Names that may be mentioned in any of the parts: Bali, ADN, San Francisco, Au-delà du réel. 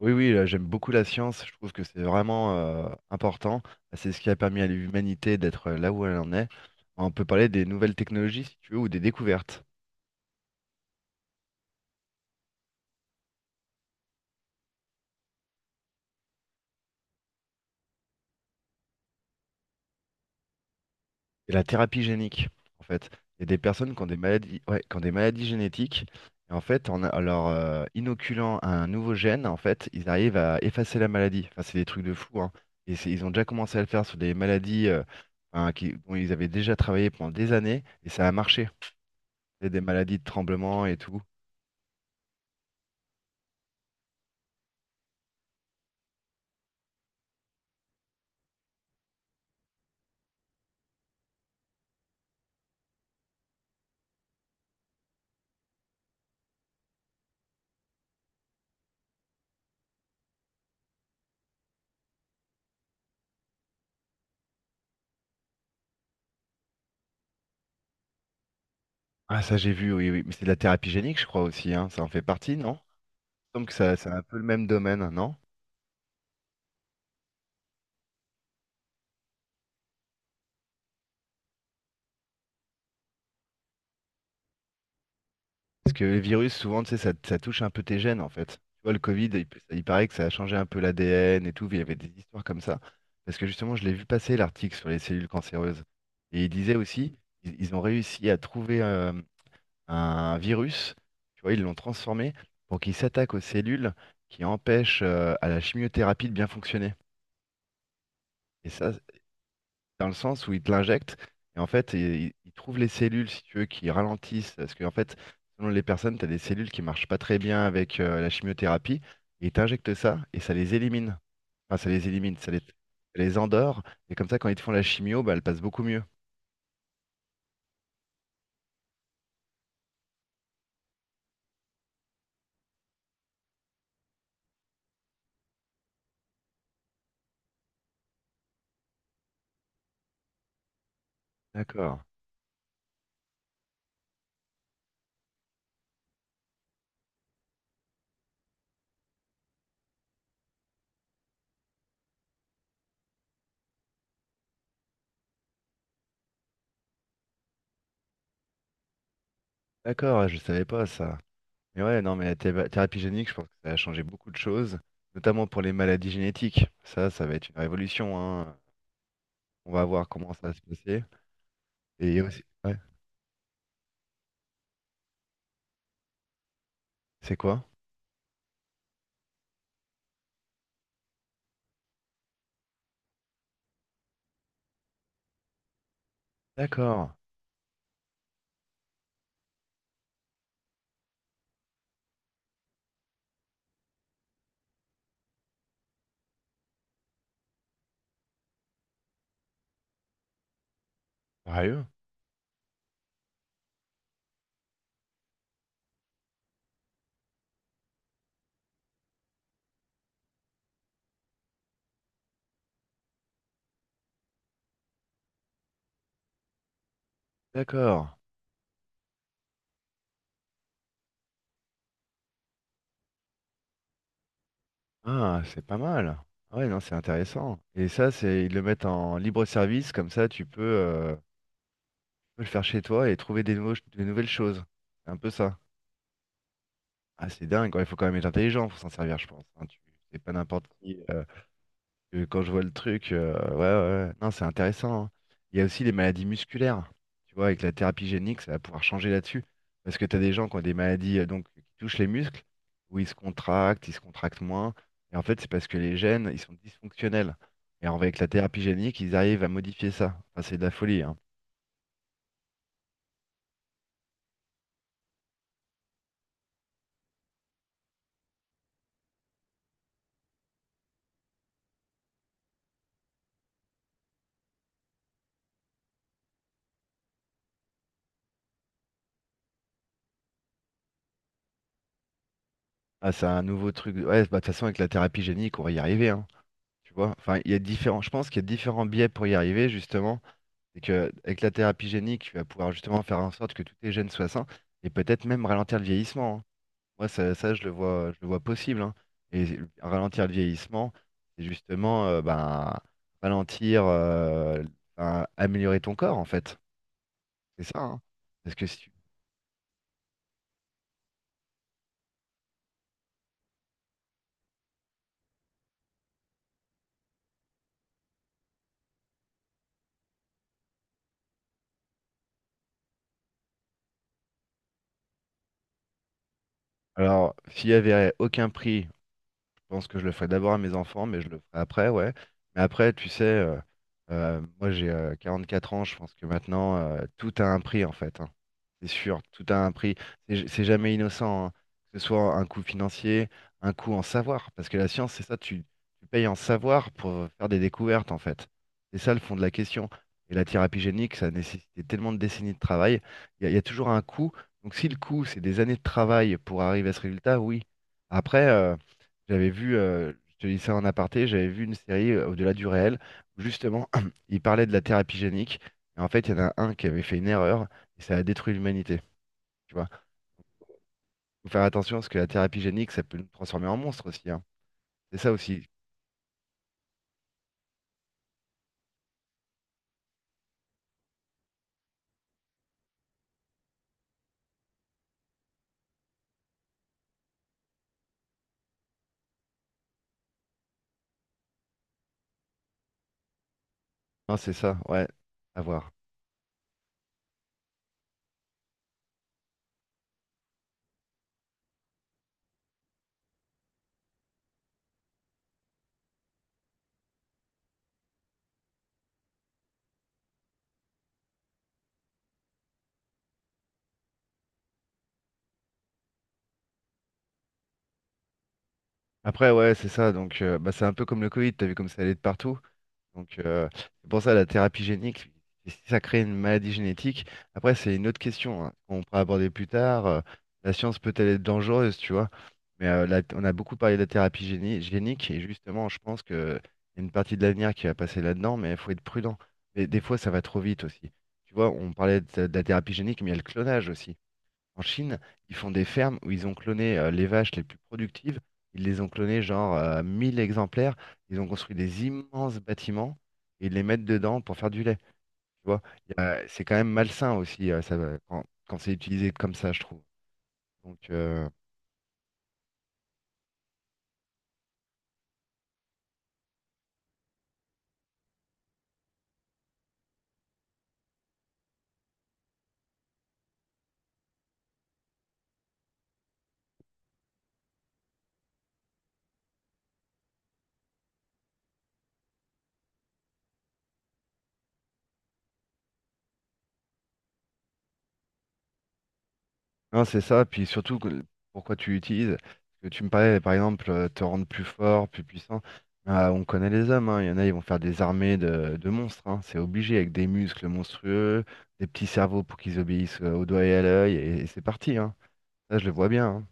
Oui, oui, j'aime beaucoup la science. Je trouve que c'est vraiment important. C'est ce qui a permis à l'humanité d'être là où elle en est. On peut parler des nouvelles technologies, si tu veux, ou des découvertes. Et la thérapie génique, en fait. Il y a des personnes qui ont des maladies, ouais, qui ont des maladies génétiques. Et en fait, en leur inoculant un nouveau gène, en fait, ils arrivent à effacer la maladie. Enfin, c'est des trucs de fou, hein. Ils ont déjà commencé à le faire sur des maladies hein, dont ils avaient déjà travaillé pendant des années. Et ça a marché. C'est des maladies de tremblement et tout. Ah, ça j'ai vu, oui, oui. Mais c'est de la thérapie génique, je crois aussi, hein. Ça en fait partie, non? Il me semble que ça, c'est un peu le même domaine, non? Parce que les virus, souvent, tu sais, ça touche un peu tes gènes, en fait. Tu vois, le Covid, il paraît que ça a changé un peu l'ADN et tout, il y avait des histoires comme ça. Parce que justement, je l'ai vu passer l'article sur les cellules cancéreuses. Et il disait aussi, ils ont réussi à trouver un virus, tu vois, ils l'ont transformé pour qu'il s'attaque aux cellules qui empêchent à la chimiothérapie de bien fonctionner. Et ça, dans le sens où il te l'injecte. Et en fait, il trouve les cellules, si tu veux, qui ralentissent. Parce qu'en fait, selon les personnes, tu as des cellules qui marchent pas très bien avec la chimiothérapie. Et il t'injecte ça et ça les élimine. Enfin, ça les élimine, ça les endort. Et comme ça, quand ils te font la chimio, bah, elle passe beaucoup mieux. D'accord. D'accord, ouais, je savais pas ça. Mais ouais, non, mais la thérapie génique, je pense que ça a changé beaucoup de choses, notamment pour les maladies génétiques. Ça va être une révolution, hein. On va voir comment ça va se passer. Et il y a aussi. Ouais, c'est quoi? D'accord. Sérieux? D'accord. Ah, c'est pas mal. Ah ouais, non, c'est intéressant. Et ça, c'est ils le mettent en libre service, comme ça tu peux le faire chez toi et trouver des des nouvelles choses. C'est un peu ça. Ah, c'est dingue, quoi. Il faut quand même être intelligent pour s'en servir, je pense, hein. C'est pas n'importe qui, que quand je vois le truc, ouais, ouais, ouais. Non, c'est intéressant, hein. Il y a aussi les maladies musculaires. Tu vois, avec la thérapie génique, ça va pouvoir changer là-dessus. Parce que tu as des gens qui ont des maladies donc, qui touchent les muscles, où ils se contractent moins. Et en fait, c'est parce que les gènes, ils sont dysfonctionnels. Et alors, avec la thérapie génique, ils arrivent à modifier ça. Enfin, c'est de la folie, hein. Ah, c'est un nouveau truc. Ouais, bah, de toute façon, avec la thérapie génique, on va y arriver, hein. Tu vois, enfin, il y a différents... Je pense qu'il y a différents biais pour y arriver, justement. C'est que avec la thérapie génique, tu vas pouvoir justement faire en sorte que tous tes gènes soient sains et peut-être même ralentir le vieillissement, hein. Moi, ça, je le vois possible, hein. Et ralentir le vieillissement, c'est justement ben, ralentir, ben, améliorer ton corps en fait. C'est ça, hein. Parce que si tu- Alors, s'il y avait aucun prix, je pense que je le ferai d'abord à mes enfants, mais je le ferai après, ouais. Mais après, tu sais, moi j'ai 44 ans, je pense que maintenant, tout a un prix en fait, hein. C'est sûr, tout a un prix. C'est jamais innocent, hein. Que ce soit un coût financier, un coût en savoir. Parce que la science, c'est ça, tu payes en savoir pour faire des découvertes en fait. C'est ça le fond de la question. Et la thérapie génique, ça a nécessité tellement de décennies de travail. Il y a toujours un coût. Donc si le coût, c'est des années de travail pour arriver à ce résultat, oui. Après, j'avais vu, je te dis ça en aparté, j'avais vu une série Au-delà du réel, où justement, il parlait de la thérapie génique, et en fait, il y en a un qui avait fait une erreur, et ça a détruit l'humanité, tu vois. Faut faire attention, parce que la thérapie génique, ça peut nous transformer en monstre aussi, hein. C'est ça aussi. Non, c'est ça, ouais, à voir. Après, ouais, c'est ça, donc bah, c'est un peu comme le Covid, t'as vu comme ça allait de partout. Donc, c'est pour ça la thérapie génique, si ça crée une maladie génétique, après, c'est une autre question hein, qu'on pourra aborder plus tard. La science peut-elle être dangereuse, tu vois? Mais on a beaucoup parlé de la thérapie génique, et justement, je pense que y a une partie de l'avenir qui va passer là-dedans, mais il faut être prudent. Mais des fois, ça va trop vite aussi. Tu vois, on parlait de la thérapie génique, mais il y a le clonage aussi. En Chine, ils font des fermes où ils ont cloné les vaches les plus productives. Ils les ont clonées genre 1000 exemplaires. Ils ont construit des immenses bâtiments et ils les mettent dedans pour faire du lait. Tu vois, c'est quand même malsain aussi ça, quand c'est utilisé comme ça, je trouve. Donc, non, c'est ça, puis surtout pourquoi tu l'utilises. Parce que tu me parlais, par exemple, te rendre plus fort, plus puissant. Ah, on connaît les hommes, hein. Il y en a, ils vont faire des armées de monstres, hein. C'est obligé, avec des muscles monstrueux, des petits cerveaux pour qu'ils obéissent au doigt et à l'œil, et c'est parti, hein. Ça, je le vois bien, hein.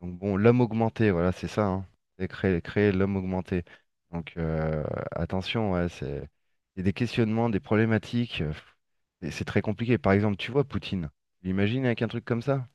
Donc bon, l'homme augmenté, voilà, c'est ça, hein. C'est créer l'homme augmenté. Donc attention, ouais, c'est il y a des questionnements, des problématiques, et c'est très compliqué. Par exemple, tu vois Poutine, tu l'imagines avec un truc comme ça?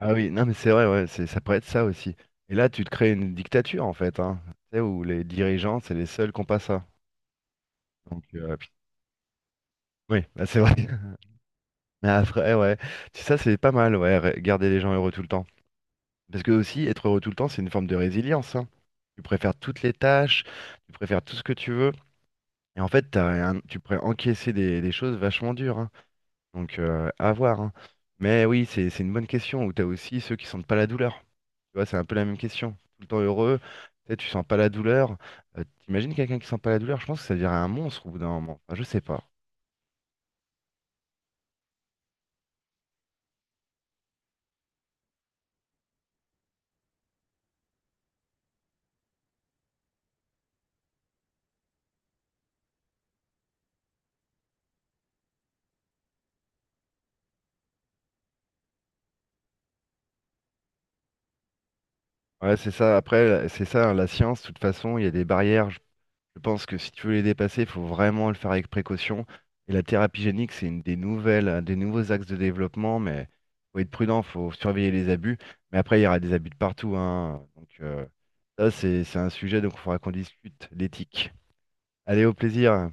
Ah oui, non mais c'est vrai, ouais, ça pourrait être ça aussi. Et là, tu te crées une dictature en fait, hein, tu sais, où les dirigeants, c'est les seuls qui n'ont pas ça. Donc, oui, là, c'est vrai. Mais après, ouais, Tu ça c'est pas mal, ouais, garder les gens heureux tout le temps. Parce que aussi, être heureux tout le temps, c'est une forme de résilience, hein. Tu préfères toutes les tâches, tu préfères tout ce que tu veux. Et en fait, t'as tu pourrais encaisser des choses vachement dures, hein. Donc, à voir, hein. Mais oui, c'est une bonne question où tu as aussi ceux qui sentent pas la douleur. Tu vois, c'est un peu la même question. Tout le temps heureux, tu sais, tu sens pas la douleur. T'imagines quelqu'un qui sent pas la douleur, je pense que ça dirait un monstre au bout d'un moment. Enfin, je sais pas. Ouais, c'est ça. Après, c'est ça, hein, la science, de toute façon, il y a des barrières. Je pense que si tu veux les dépasser, il faut vraiment le faire avec précaution. Et la thérapie génique, c'est une des nouvelles, un des nouveaux axes de développement, mais faut être prudent, faut surveiller les abus. Mais après, il y aura des abus de partout, hein. Donc, ça, c'est un sujet, donc il faudra qu'on discute, l'éthique. Allez, au plaisir.